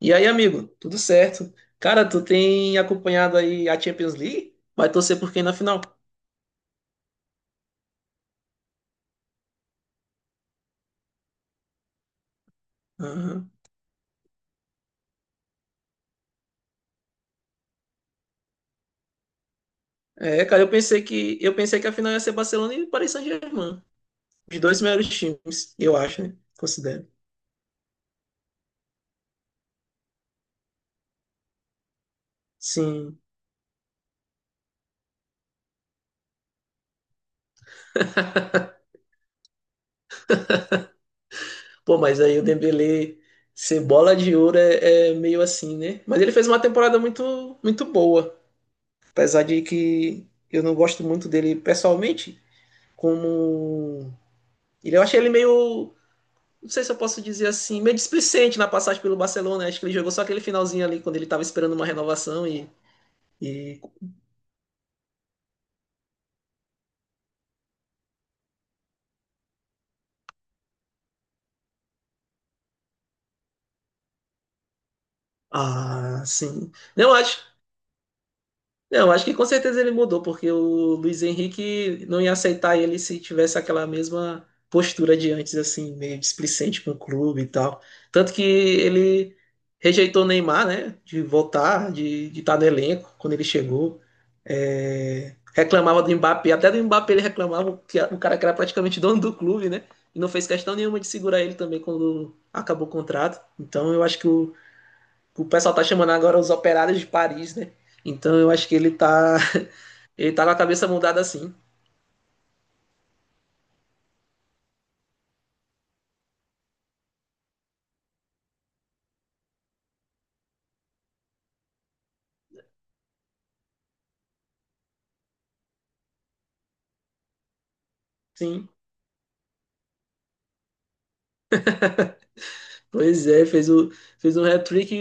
E aí, amigo, tudo certo? Cara, tu tem acompanhado aí a Champions League? Vai torcer por quem na final? Aham. É, cara, eu pensei que a final ia ser Barcelona e Paris Saint-Germain. Os dois melhores times, eu acho, né? Considero. Sim. Pô, mas aí o Dembélé ser bola de ouro é meio assim, né? Mas ele fez uma temporada muito muito boa, apesar de que eu não gosto muito dele pessoalmente, como ele eu achei ele meio não sei se eu posso dizer assim, meio displicente na passagem pelo Barcelona. Acho que ele jogou só aquele finalzinho ali quando ele estava esperando uma renovação. E. e ah, sim. Não, acho Não, acho que com certeza ele mudou, porque o Luiz Henrique não ia aceitar ele se tivesse aquela mesma postura de antes, assim, meio displicente com o clube e tal. Tanto que ele rejeitou o Neymar, né, de voltar, de estar no elenco quando ele chegou. É, reclamava do Mbappé, até do Mbappé ele reclamava, que o cara que era praticamente dono do clube, né, e não fez questão nenhuma de segurar ele também quando acabou o contrato. Então eu acho que o pessoal tá chamando agora os operários de Paris, né. Então eu acho que ele tá com a cabeça mudada assim. Sim. Pois é, fez um hat-trick e,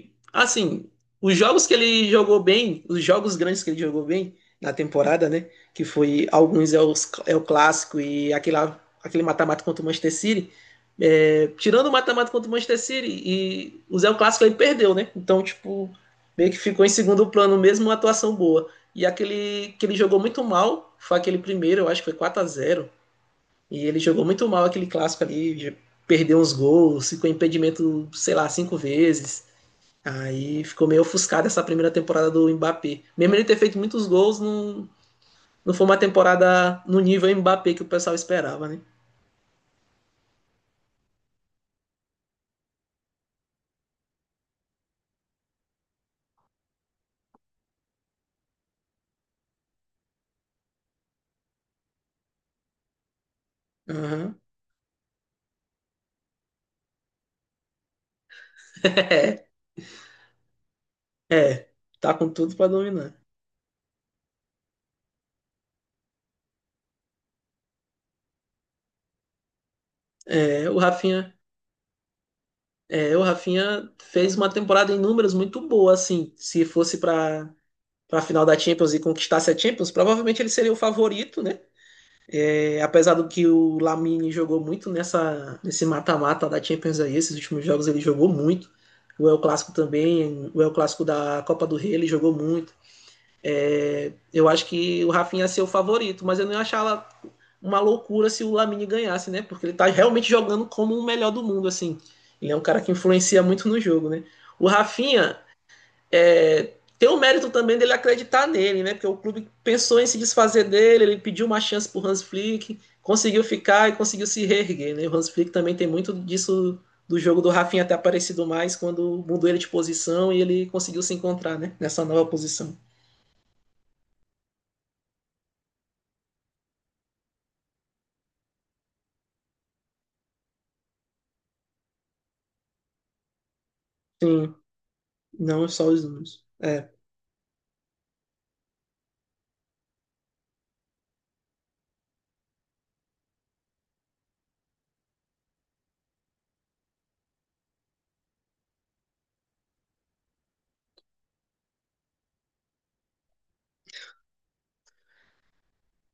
e, assim, os jogos que ele jogou bem, os jogos grandes que ele jogou bem na temporada, né? Que foi alguns é o clássico e aquele mata-mata contra o Manchester City. É, tirando o mata-mata contra o Manchester City e o Clássico ele perdeu, né? Então, tipo, meio que ficou em segundo plano, mesmo uma atuação boa. E aquele que ele jogou muito mal foi aquele primeiro, eu acho que foi 4-0. E ele jogou muito mal aquele clássico ali, perdeu uns gols, ficou em impedimento, sei lá, cinco vezes. Aí ficou meio ofuscado essa primeira temporada do Mbappé. Mesmo ele ter feito muitos gols, não, não foi uma temporada no nível Mbappé que o pessoal esperava, né? Uhum. é, é, tá com tudo para dominar. É, o Rafinha, o Rafinha fez uma temporada em números muito boa, assim. Se fosse para final da Champions e conquistasse a Champions, provavelmente ele seria o favorito, né? É, apesar do que o Lamine jogou muito nesse mata-mata da Champions aí, esses últimos jogos ele jogou muito. O El Clássico também, o El Clássico da Copa do Rei ele jogou muito. É, eu acho que o Rafinha ia ser o favorito, mas eu não ia achar uma loucura se o Lamine ganhasse, né? Porque ele tá realmente jogando como o melhor do mundo, assim. Ele é um cara que influencia muito no jogo, né? O Rafinha, tem o mérito também dele acreditar nele, né? Porque o clube pensou em se desfazer dele, ele pediu uma chance pro Hans Flick, conseguiu ficar e conseguiu se reerguer, né? O Hans Flick também tem muito disso do jogo do Rafinha ter aparecido mais quando mudou ele de posição e ele conseguiu se encontrar, né? Nessa nova posição. Sim, não só os números. É.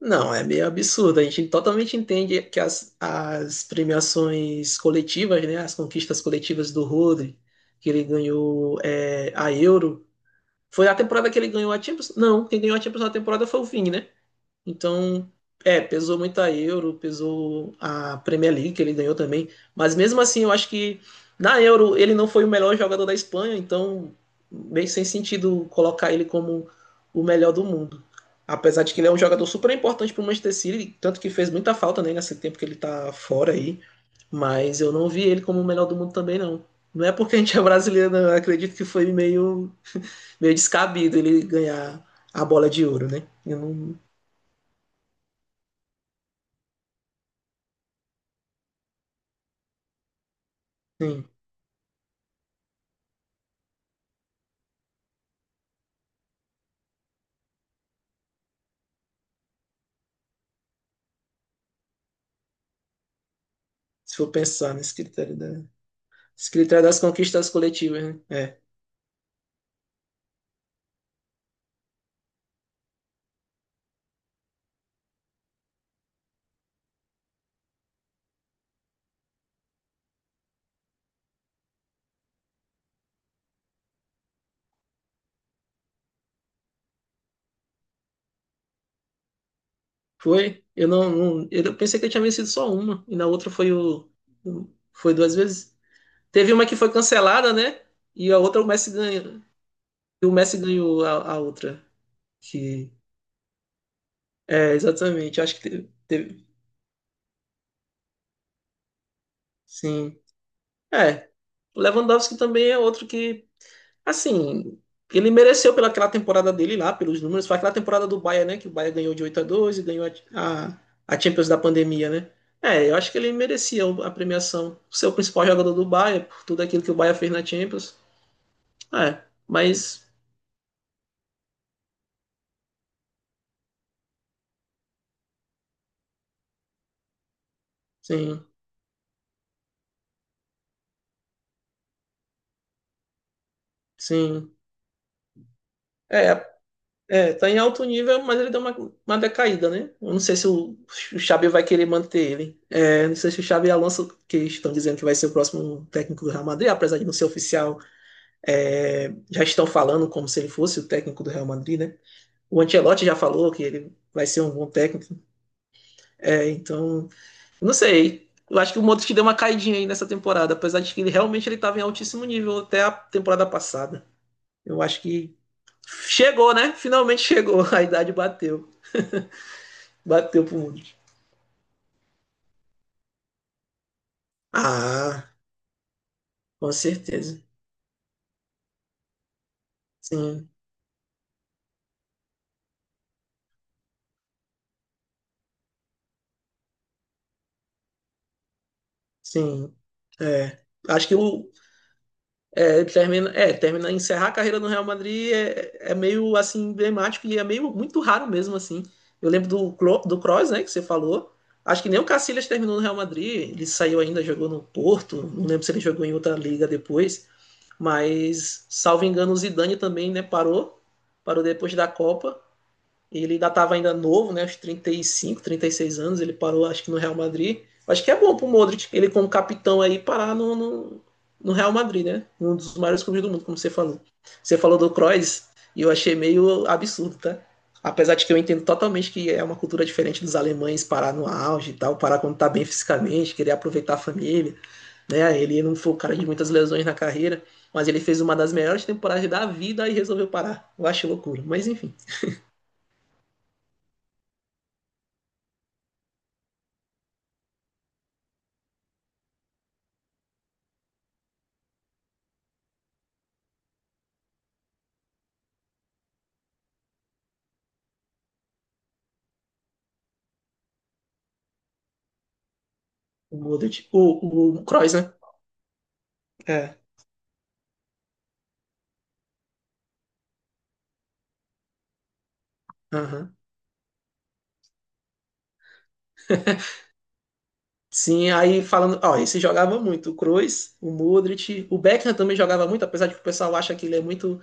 Não, é meio absurdo. A gente totalmente entende que as premiações coletivas, né? As conquistas coletivas do Rodri, que ele ganhou a Euro, foi a temporada que ele ganhou a Champions? Não, quem ganhou a Champions na temporada foi o Vini, né? Então, pesou muito a Euro, pesou a Premier League que ele ganhou também. Mas mesmo assim, eu acho que na Euro ele não foi o melhor jogador da Espanha, então meio sem sentido colocar ele como o melhor do mundo. Apesar de que ele é um jogador super importante para o Manchester City, tanto que fez muita falta né, nesse tempo que ele tá fora aí. Mas eu não vi ele como o melhor do mundo também, não. Não é porque a gente é brasileiro, não. Eu acredito que foi meio descabido ele ganhar a bola de ouro, né? Eu não. Sim, se for pensar nesse critério, esse critério das conquistas coletivas, né? É. Foi? Eu não, não- Eu pensei que eu tinha vencido só uma, e na outra foi o. Foi duas vezes. Teve uma que foi cancelada, né? E a outra o Messi ganhou. E o Messi ganhou a outra. Que. É, exatamente. Acho que teve. Sim. É. O Lewandowski também é outro que assim, ele mereceu pela aquela temporada dele lá, pelos números. Foi aquela temporada do Bayern, né? Que o Bayern ganhou de 8-12 e ganhou a Champions da pandemia, né? É, eu acho que ele merecia a premiação. Ser o principal jogador do Bayern, por tudo aquilo que o Bayern fez na Champions. É, mas, sim, sim. É, é, tá em alto nível, mas ele deu uma decaída, né? Eu não sei se o Xabi vai querer manter ele. É, não sei se o Xabi Alonso, que estão dizendo que vai ser o próximo técnico do Real Madrid, apesar de não ser oficial. É, já estão falando como se ele fosse o técnico do Real Madrid, né? O Ancelotti já falou que ele vai ser um bom técnico. É, então, não sei. Eu acho que o Modric deu uma caidinha aí nessa temporada, apesar de que ele realmente ele estava em altíssimo nível até a temporada passada. Eu acho que chegou, né? Finalmente chegou. A idade bateu. Bateu pro Modric. Ah, com certeza. Sim, sim. É. Acho que o, é, termina, encerrar a carreira no Real Madrid é meio assim emblemático e é meio muito raro mesmo assim. Eu lembro do do Kroos, né, que você falou. Acho que nem o Casillas terminou no Real Madrid, ele saiu ainda, jogou no Porto, não lembro se ele jogou em outra liga depois, mas salvo engano o Zidane também, né, parou, depois da Copa. Ele ainda estava ainda novo, né? Aos 35, 36 anos, ele parou, acho que no Real Madrid. Acho que é bom pro Modric, ele como capitão aí, parar no Real Madrid, né? Um dos maiores clubes do mundo, como você falou. Você falou do Kroos, e eu achei meio absurdo, tá? Apesar de que eu entendo totalmente que é uma cultura diferente dos alemães parar no auge e tal, parar quando tá bem fisicamente, querer aproveitar a família, né? Ele não foi o cara de muitas lesões na carreira, mas ele fez uma das melhores temporadas da vida e resolveu parar. Eu acho loucura, mas enfim. O Modric. O Kroos, né? É. Aham. Sim, aí falando, ó, esse jogava muito, o Kroos, o Modric, o Beckham também jogava muito, apesar de que o pessoal acha que ele é muito,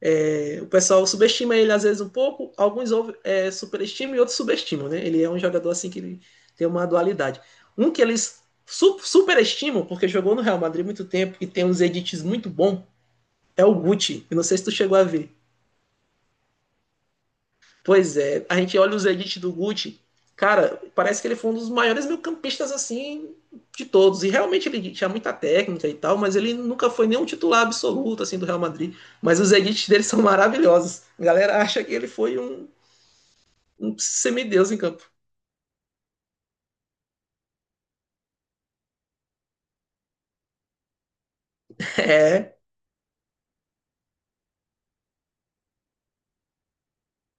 o pessoal subestima ele às vezes um pouco, alguns superestimam e outros subestimam, né? Ele é um jogador assim que ele tem uma dualidade. Um que eles superestimam, porque jogou no Real Madrid muito tempo e tem uns edits muito bons, é o Guti, eu não sei se tu chegou a ver. Pois é, a gente olha os edits do Guti, cara, parece que ele foi um dos maiores meio-campistas assim de todos. E realmente ele tinha muita técnica e tal, mas ele nunca foi nenhum titular absoluto assim do Real Madrid. Mas os edits dele são maravilhosos. A galera acha que ele foi um semideus em campo. É,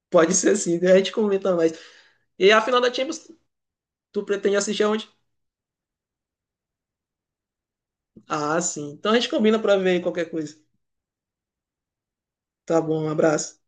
pode ser assim, né? A gente comenta mais. E a final da Champions, tu pretende assistir aonde? Ah, sim. Então a gente combina para ver qualquer coisa. Tá bom, um abraço.